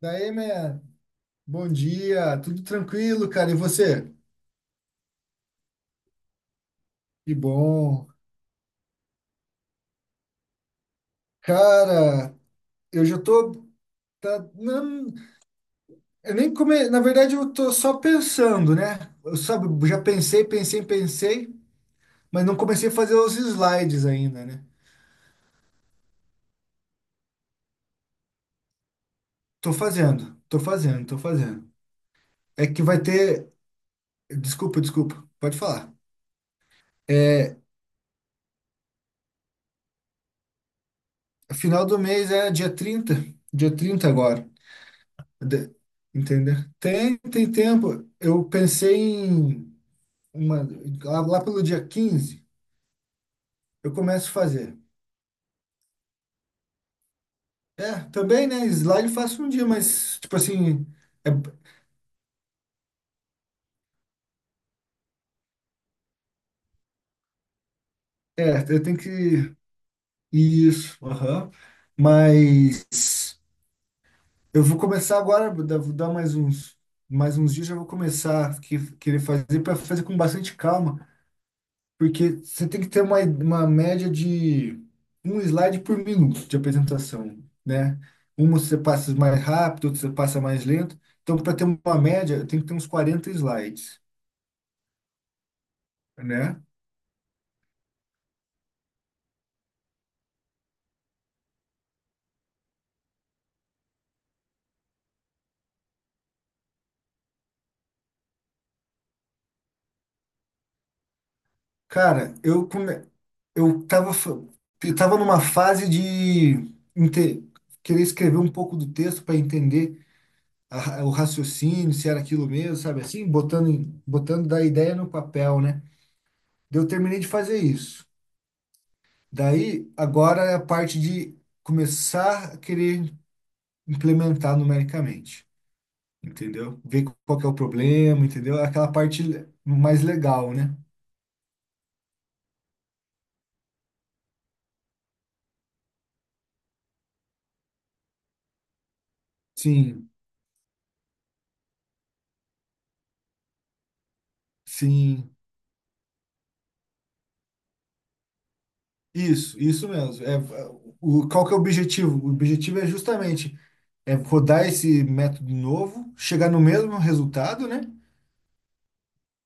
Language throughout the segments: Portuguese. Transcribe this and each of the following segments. Daí, man, bom dia, tudo tranquilo, cara, e você? Que bom. Cara, eu já tô, tá, não, eu nem come, na verdade eu tô só pensando, né? Eu, sabe, já pensei, pensei, pensei, mas não comecei a fazer os slides ainda, né? Tô fazendo. É que vai ter, desculpa, desculpa, pode falar. É, final do mês é dia 30, dia 30 agora. De- Entendeu? Tem, tempo. Eu pensei em uma, lá pelo dia 15 eu começo a fazer. É, também, né? Slide eu faço um dia, mas, tipo assim, é, eu tenho que. Isso, aham. Mas eu vou começar agora, vou dar mais uns dias, já vou começar a querer fazer para fazer com bastante calma. Porque você tem que ter uma média de um slide por minuto de apresentação, né? Uma você passa mais rápido, outra você passa mais lento. Então, para ter uma média, tem que ter uns 40 slides, né? Cara, eu come... eu tava fa- eu tava numa fase de inte- querer escrever um pouco do texto para entender o raciocínio, se era aquilo mesmo, sabe, assim, botando botando da ideia no papel, né? Daí eu terminei de fazer isso. Daí, agora é a parte de começar a querer implementar numericamente, entendeu? Ver qual que é o problema, entendeu? É aquela parte mais legal, né? Sim, sim. Isso mesmo. Qual que é o objetivo? O objetivo é justamente rodar esse método novo, chegar no mesmo resultado, né?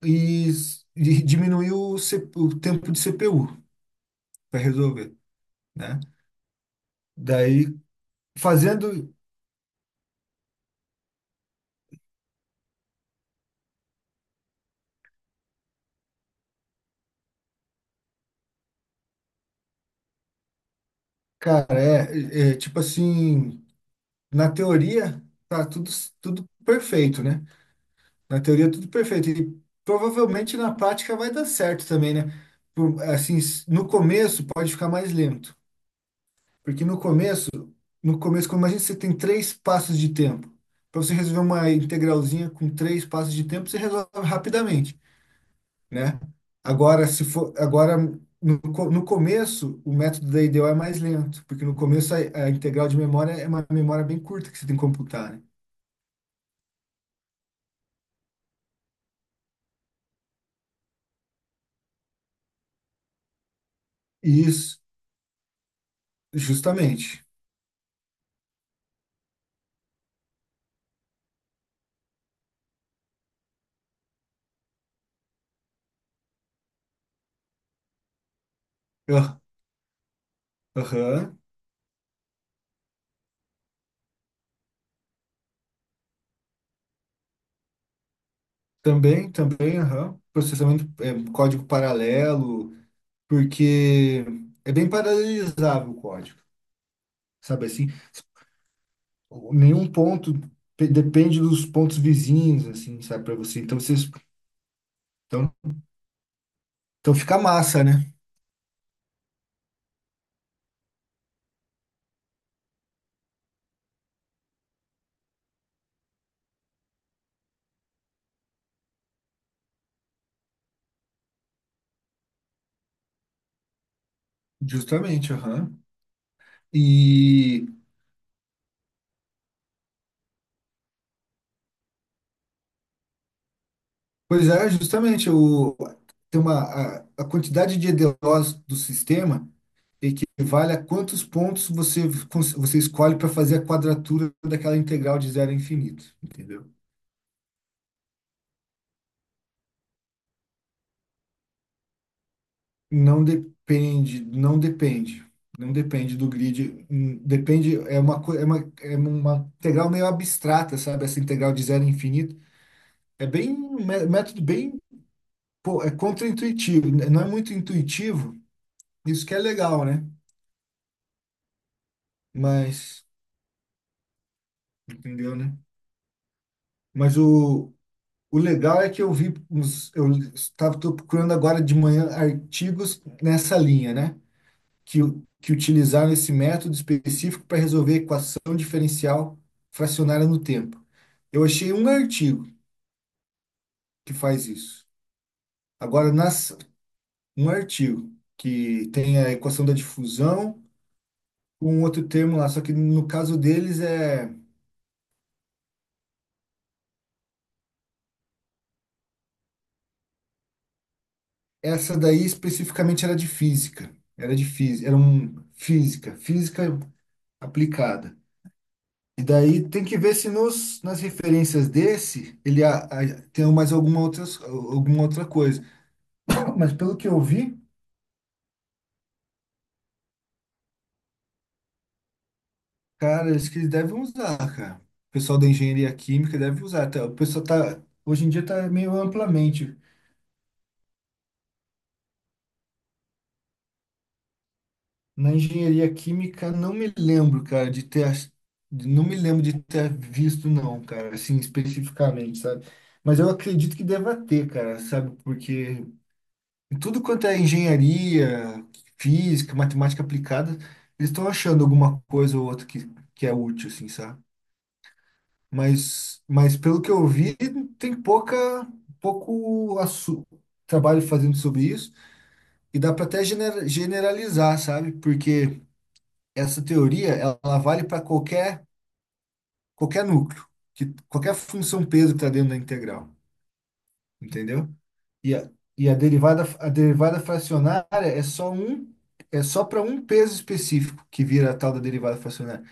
E, e diminuir o tempo de CPU para resolver, né? Daí, fazendo. Cara, tipo assim, na teoria tá tudo, tudo perfeito, né? Na teoria tudo perfeito. E provavelmente na prática vai dar certo também, né? Assim, no começo pode ficar mais lento. Porque no começo, como imagina, você tem três passos de tempo. Para você resolver uma integralzinha com três passos de tempo, você resolve rapidamente, né? Agora, se for, agora no, co- no começo, o método da IDEO é mais lento, porque no começo a integral de memória é uma memória bem curta que você tem que computar, né? Isso, justamente. Ah, aham. Também, também, aham. Processamento, é, código paralelo, porque é bem paralelizável o código, sabe assim? Nenhum ponto depende dos pontos vizinhos, assim, sabe, para você. Então, vocês, então, então fica massa, né? Justamente, aham. E, pois é, justamente, o, tem uma, a quantidade de EDOs do sistema equivale a quantos pontos você, você escolhe para fazer a quadratura daquela integral de zero a infinito, entendeu? Não depende, não depende, não depende do grid, depende, é é é uma integral meio abstrata, sabe? Essa integral de zero a infinito. É bem, método bem, pô, é contraintuitivo, né? Não é muito intuitivo, isso que é legal, né? Mas, entendeu, né? Mas o legal é que eu vi, eu estava tô procurando agora de manhã artigos nessa linha, né? Que, que utilizaram esse método específico para resolver a equação diferencial fracionária no tempo. Eu achei um artigo que faz isso. Agora, um artigo que tem a equação da difusão com outro termo lá, só que no caso deles é... essa daí especificamente era de física. Era de física, era física aplicada. E daí tem que ver se nas referências desse ele tem mais alguma outra coisa. Mas pelo que eu vi, cara, acho que eles devem usar, cara. O pessoal da engenharia química deve usar. Tá, o pessoal tá, hoje em dia tá meio amplamente. Na engenharia química, não me lembro, cara, de ter. Não me lembro de ter visto, não, cara, assim, especificamente, sabe? Mas eu acredito que deva ter, cara, sabe? Porque tudo quanto é engenharia, física, matemática aplicada, eles estão achando alguma coisa ou outra que é útil, assim, sabe? Mas pelo que eu vi, tem pouco assu- trabalho fazendo sobre isso. E dá para até generalizar, sabe? Porque essa teoria ela vale para qualquer qualquer núcleo, que qualquer função peso que está dentro da integral, entendeu? E a, e a derivada fracionária é só é só para um peso específico que vira a tal da derivada fracionária.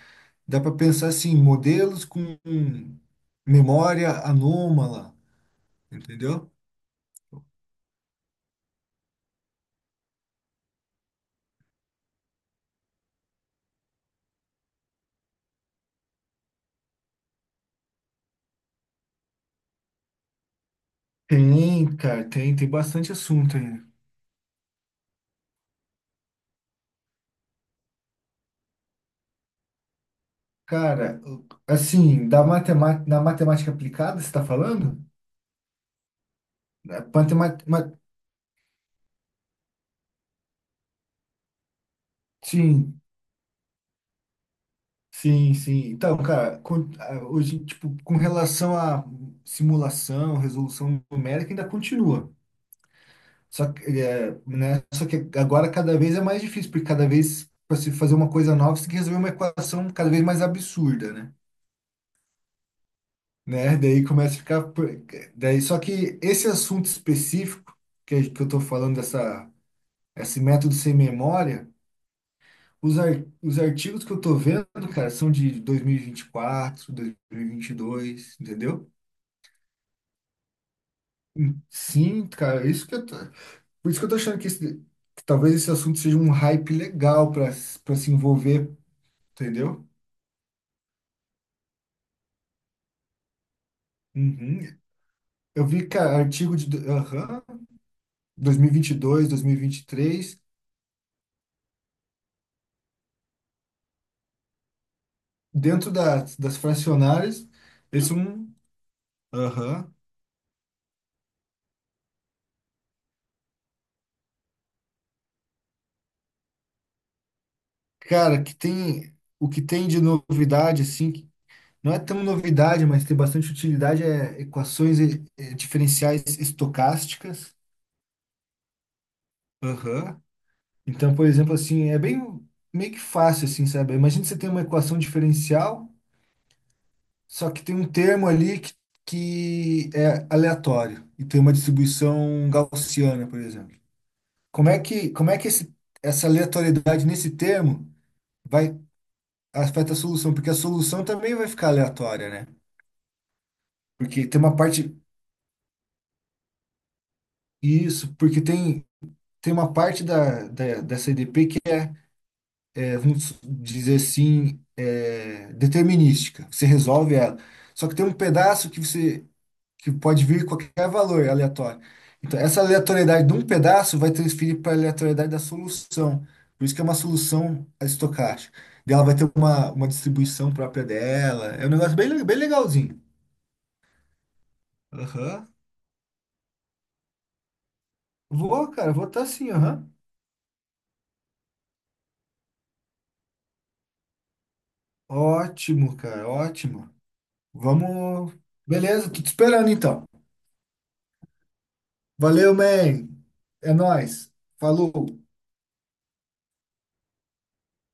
Dá para pensar assim, modelos com memória anômala, entendeu? Tem, cara, tem, tem bastante assunto ainda. Cara, assim, da matemática, na matemática aplicada, você está falando? Na matema- ma- Sim, sim, sim. Então, cara, ah, hoje, tipo, com relação à simulação, resolução numérica, ainda continua. Só que, é, né, só que agora cada vez é mais difícil, porque cada vez, para se fazer uma coisa nova, você tem que resolver uma equação cada vez mais absurda, né? Né? Daí começa a ficar. Daí, só que esse assunto específico, que eu tô falando, esse método sem memória, os artigos que eu tô vendo, cara, são de 2024, 2022, entendeu? Sim, cara, é isso que eu tô, por isso que eu tô achando que talvez esse assunto seja um hype legal para para se envolver, entendeu? Uhum. Eu vi, cara, artigo aham, 2022, 2023, dentro das, das fracionárias, esse é um, aham, cara, que tem o que tem de novidade assim, que não é tão novidade, mas tem bastante utilidade é equações e diferenciais estocásticas. Aham. Então, por exemplo, assim, é bem meio que fácil, assim, sabe? Imagina que você tem uma equação diferencial, só que tem um termo ali que é aleatório e tem uma distribuição gaussiana, por exemplo. Como é que essa aleatoriedade nesse termo vai afeta a solução? Porque a solução também vai ficar aleatória, né? Porque tem uma parte, isso, porque tem, tem uma parte dessa EDP que é, vamos dizer assim, é, determinística. Você resolve ela. Só que tem um pedaço que pode vir qualquer valor aleatório. Então, essa aleatoriedade de um pedaço vai transferir para a aleatoriedade da solução. Por isso que é uma solução estocástica. Daí ela vai ter uma distribuição própria dela. É um negócio bem, bem legalzinho. Aham. Vou, cara, vou estar sim, aham. Ótimo, cara, ótimo. Vamos. Beleza, tô te esperando então. Valeu, man. É nóis. Falou.